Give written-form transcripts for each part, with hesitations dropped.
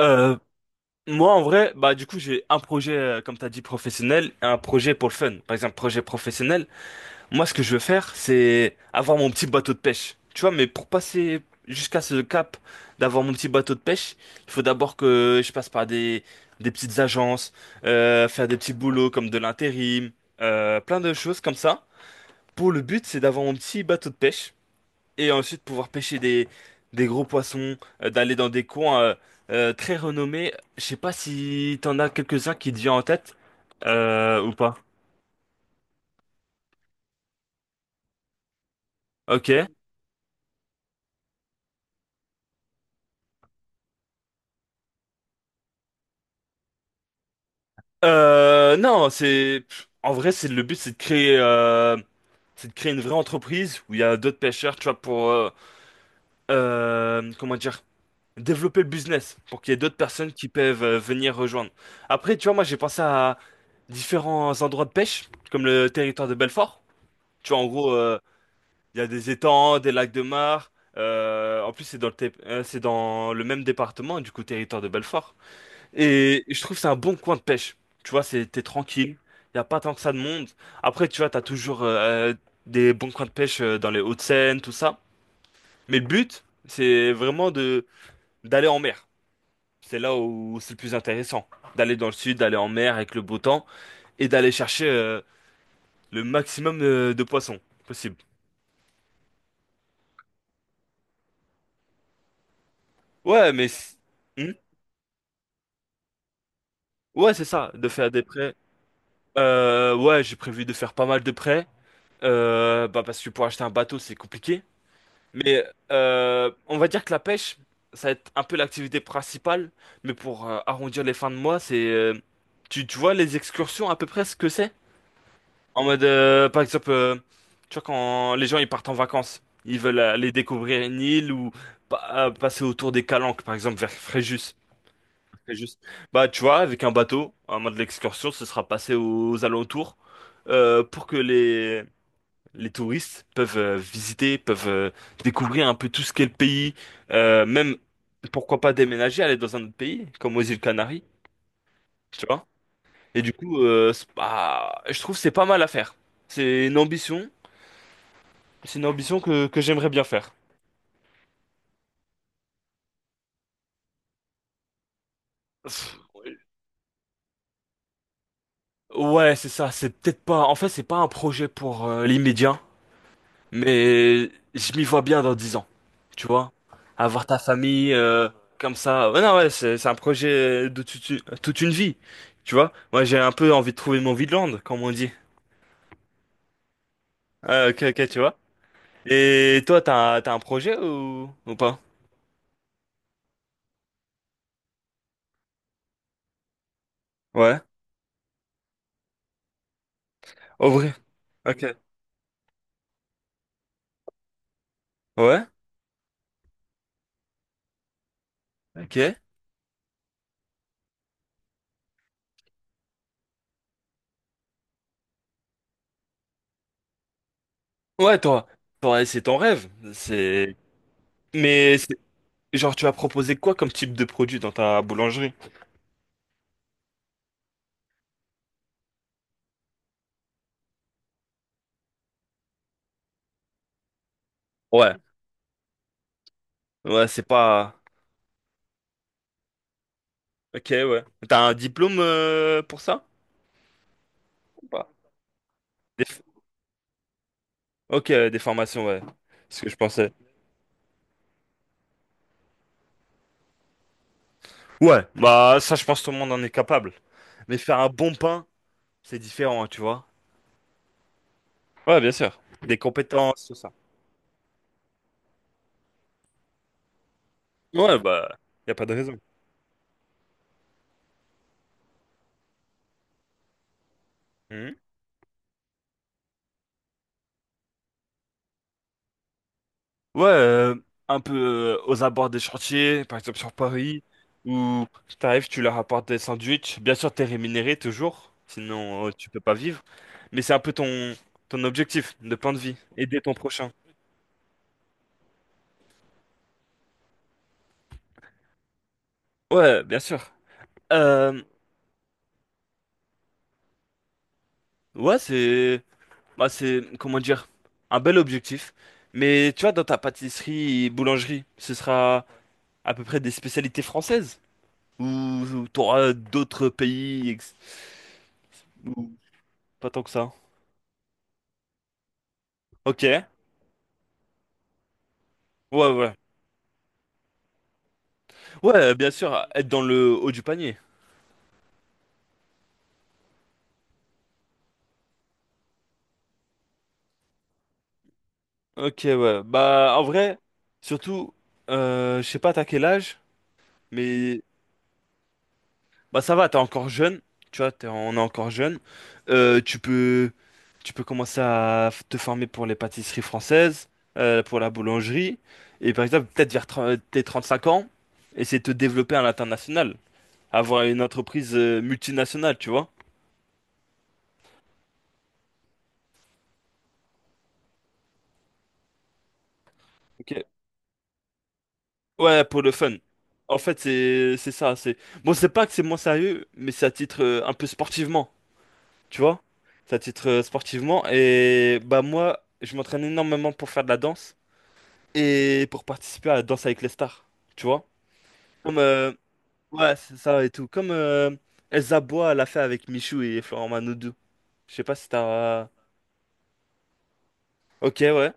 Euh, Moi, en vrai, bah, du coup, j'ai un projet, comme t'as dit, professionnel, et un projet pour le fun. Par exemple, projet professionnel, moi, ce que je veux faire, c'est avoir mon petit bateau de pêche. Tu vois, mais pour passer jusqu'à ce cap d'avoir mon petit bateau de pêche, il faut d'abord que je passe par des petites agences, faire des petits boulots comme de l'intérim, plein de choses comme ça. Pour le but, c'est d'avoir mon petit bateau de pêche et ensuite pouvoir pêcher des gros poissons, d'aller dans des coins très renommés. Je sais pas si t'en as quelques-uns qui te viennent en tête ou pas. Ok. Non, c'est en vrai, c'est le but, c'est de créer une vraie entreprise où il y a d'autres pêcheurs, tu vois, pour comment dire, développer le business, pour qu'il y ait d'autres personnes qui peuvent venir rejoindre. Après, tu vois, moi, j'ai pensé à différents endroits de pêche, comme le territoire de Belfort. Tu vois, en gros. Il y a des étangs, des lacs de mar. En plus, c'est dans le même département, du coup, territoire de Belfort. Et je trouve que c'est un bon coin de pêche. Tu vois, t'es tranquille. Il n'y a pas tant que ça de monde. Après, tu vois, t'as toujours des bons coins de pêche dans les Hauts-de-Seine, tout ça. Mais le but, c'est vraiment de d'aller en mer. C'est là où c'est le plus intéressant. D'aller dans le sud, d'aller en mer avec le beau temps et d'aller chercher le maximum de poissons possible. Ouais, mais... Hmm. Ouais, c'est ça, de faire des prêts. Ouais, j'ai prévu de faire pas mal de prêts, bah parce que pour acheter un bateau, c'est compliqué. Mais on va dire que la pêche, ça va être un peu l'activité principale, mais pour arrondir les fins de mois, tu vois les excursions à peu près ce que c'est? En mode, par exemple, tu vois quand les gens ils partent en vacances, ils veulent aller découvrir une île ou passer autour des calanques, par exemple, vers Fréjus. C'est juste. Bah, tu vois, avec un bateau, un mode de l'excursion, ce sera passé aux alentours pour que les touristes peuvent visiter, peuvent découvrir un peu tout ce qu'est le pays, même pourquoi pas déménager, aller dans un autre pays, comme aux îles Canaries, tu vois. Et du coup, bah, je trouve que c'est pas mal à faire. C'est une ambition, c'est une ambition que j'aimerais bien faire. Pff, Ouais, c'est ça, c'est peut-être pas. En fait, c'est pas un projet pour l'immédiat. Mais je m'y vois bien dans 10 ans, tu vois. Avoir ta famille comme ça. Ouais, non, ouais, c'est un projet de toute une vie, tu vois. Moi, j'ai un peu envie de trouver mon vide-land, comme on dit. Ah, ok, ok, tu vois. Et toi, t'as un projet ou pas? Ouais. Au vrai. Ok. Ouais. Ok. Ouais, toi. Toi, c'est ton rêve. C'est. Mais c'est- genre, tu vas proposer quoi comme type de produit dans ta boulangerie? Ouais. Ouais, c'est pas. Ok, ouais. T'as un diplôme pour ça? Ou pas. Des f- Ok, des formations, ouais. C'est ce que je pensais. Ouais, bah ça, je pense que tout le monde en est capable. Mais faire un bon pain, c'est différent, hein, tu vois. Ouais, bien sûr. Des compétences, tout ça. Ouais, bah, y a pas de raison. Mhm. Ouais, un peu aux abords des chantiers, par exemple sur Paris, où t'arrives, tu leur apportes des sandwichs. Bien sûr, t'es rémunéré toujours, sinon tu peux pas vivre. Mais c'est un peu ton objectif de pain de vie, aider ton prochain. Ouais, bien sûr. Euh, ouais, c'est, comment dire, un bel objectif. Mais tu vois, dans ta pâtisserie et boulangerie, ce sera à peu près des spécialités françaises ou t'auras d'autres pays ou pas tant que ça. Ok. Ouais, ouais. Ouais, bien sûr, être dans le haut du panier. Ok, ouais. Bah, en vrai, surtout, je sais pas t'as quel âge, mais bah ça va, t'es encore jeune, tu vois, on est encore jeune. Euh, tu peux, tu peux commencer à te former pour les pâtisseries françaises, pour la boulangerie, et par exemple peut-être vers tes 5 ans, essayer de te développer à l'international, avoir une entreprise multinationale, tu vois. Ok. Ouais, pour le fun. En fait, c'est ça. C'est bon, c'est pas que c'est moins sérieux, mais c'est à titre un peu sportivement, tu vois. C'est à titre sportivement et bah moi, je m'entraîne énormément pour faire de la danse. Et pour participer à Danse avec les stars, tu vois? Comme, euh, ouais, c'est ça et tout. Comme Elsa Bois l'a fait avec Michou et Florent Manodou. Je sais pas si t'as... Ok, ouais.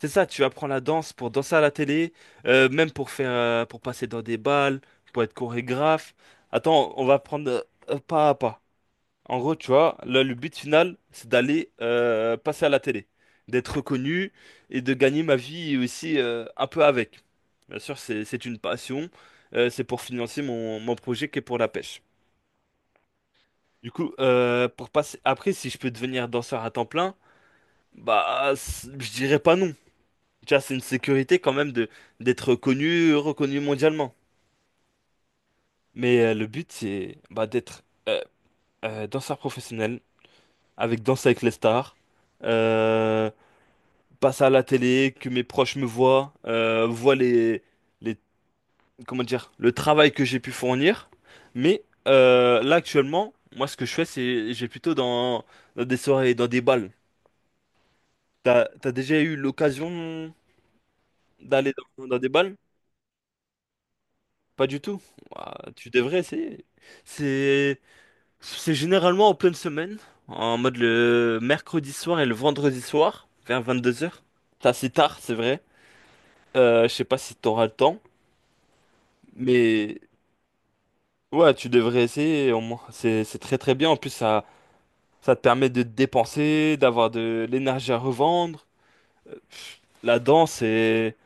C'est ça, tu apprends la danse pour danser à la télé, même pour passer dans des balles, pour être chorégraphe. Attends, on va prendre pas à pas. En gros, tu vois, là, le but final, c'est d'aller passer à la télé, d'être reconnu et de gagner ma vie aussi un peu avec. Bien sûr, c'est une passion, c'est pour financer mon projet qui est pour la pêche. Du coup, pour passer... après, si je peux devenir danseur à temps plein, bah, je dirais pas non. Tu vois, c'est une sécurité quand même de d'être connu, reconnu mondialement. Mais le but, c'est bah, d'être euh, danseur professionnel, avec Danse avec les stars. Euh, Passe à la télé, que mes proches me voient, voient les, comment dire, le travail que j'ai pu fournir. Mais là actuellement, moi ce que je fais, c'est j'ai plutôt dans des soirées, dans des balles. T'as déjà eu l'occasion d'aller dans des balles? Pas du tout. Ouah, tu devrais essayer. C'est, c'est généralement en pleine semaine, en mode le mercredi soir et le vendredi soir, vers 22 heures. C'est assez tard, c'est vrai. Je sais pas si t'auras le temps, mais ouais, tu devrais essayer au moins. C'est très très bien. En plus, ça te permet de te dépenser, d'avoir de l'énergie à revendre. La danse, c'est...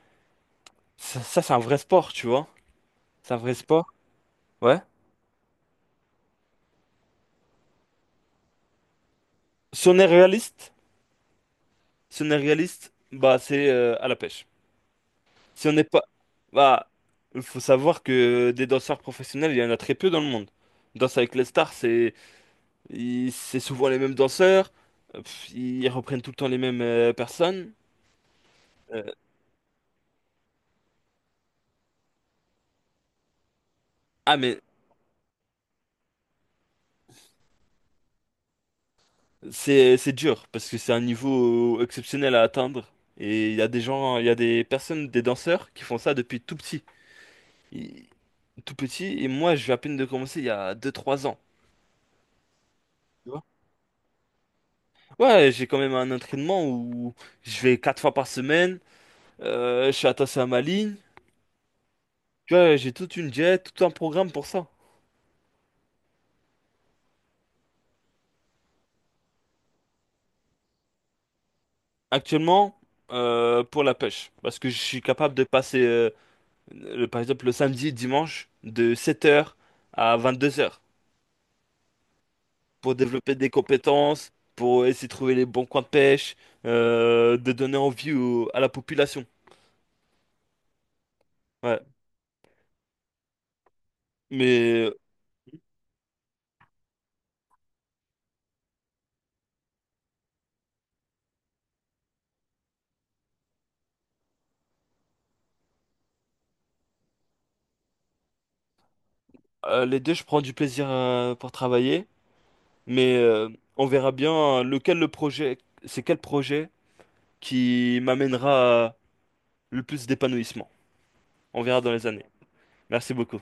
Ça, c'est un vrai sport, tu vois. C'est un vrai sport. Ouais. Si on est réaliste, Si on est réaliste, bah c'est à la pêche. Si on n'est pas... Bah, il faut savoir que des danseurs professionnels, il y en a très peu dans le monde. Danse avec les stars, c'est souvent les mêmes danseurs. Ils reprennent tout le temps les mêmes personnes. Euh, ah mais c'est dur parce que c'est un niveau exceptionnel à atteindre et il y a des gens, il y a des personnes, des danseurs qui font ça depuis tout petit. Et- Tout petit et moi je vais à peine de commencer il y a 2 3 ans. Tu vois. Ouais, j'ai quand même un entraînement où je vais 4 fois par semaine, je suis attaché à ma ligne, tu vois, j'ai toute une diète, tout un programme pour ça. Actuellement, pour la pêche, parce que je suis capable de passer, par exemple, le samedi, dimanche, de 7 heures à 22 heures pour développer des compétences, pour essayer de trouver les bons coins de pêche, de donner envie à la population. Ouais. Mais les deux, je prends du plaisir pour travailler, mais on verra bien c'est quel projet qui m'amènera le plus d'épanouissement. On verra dans les années. Merci beaucoup.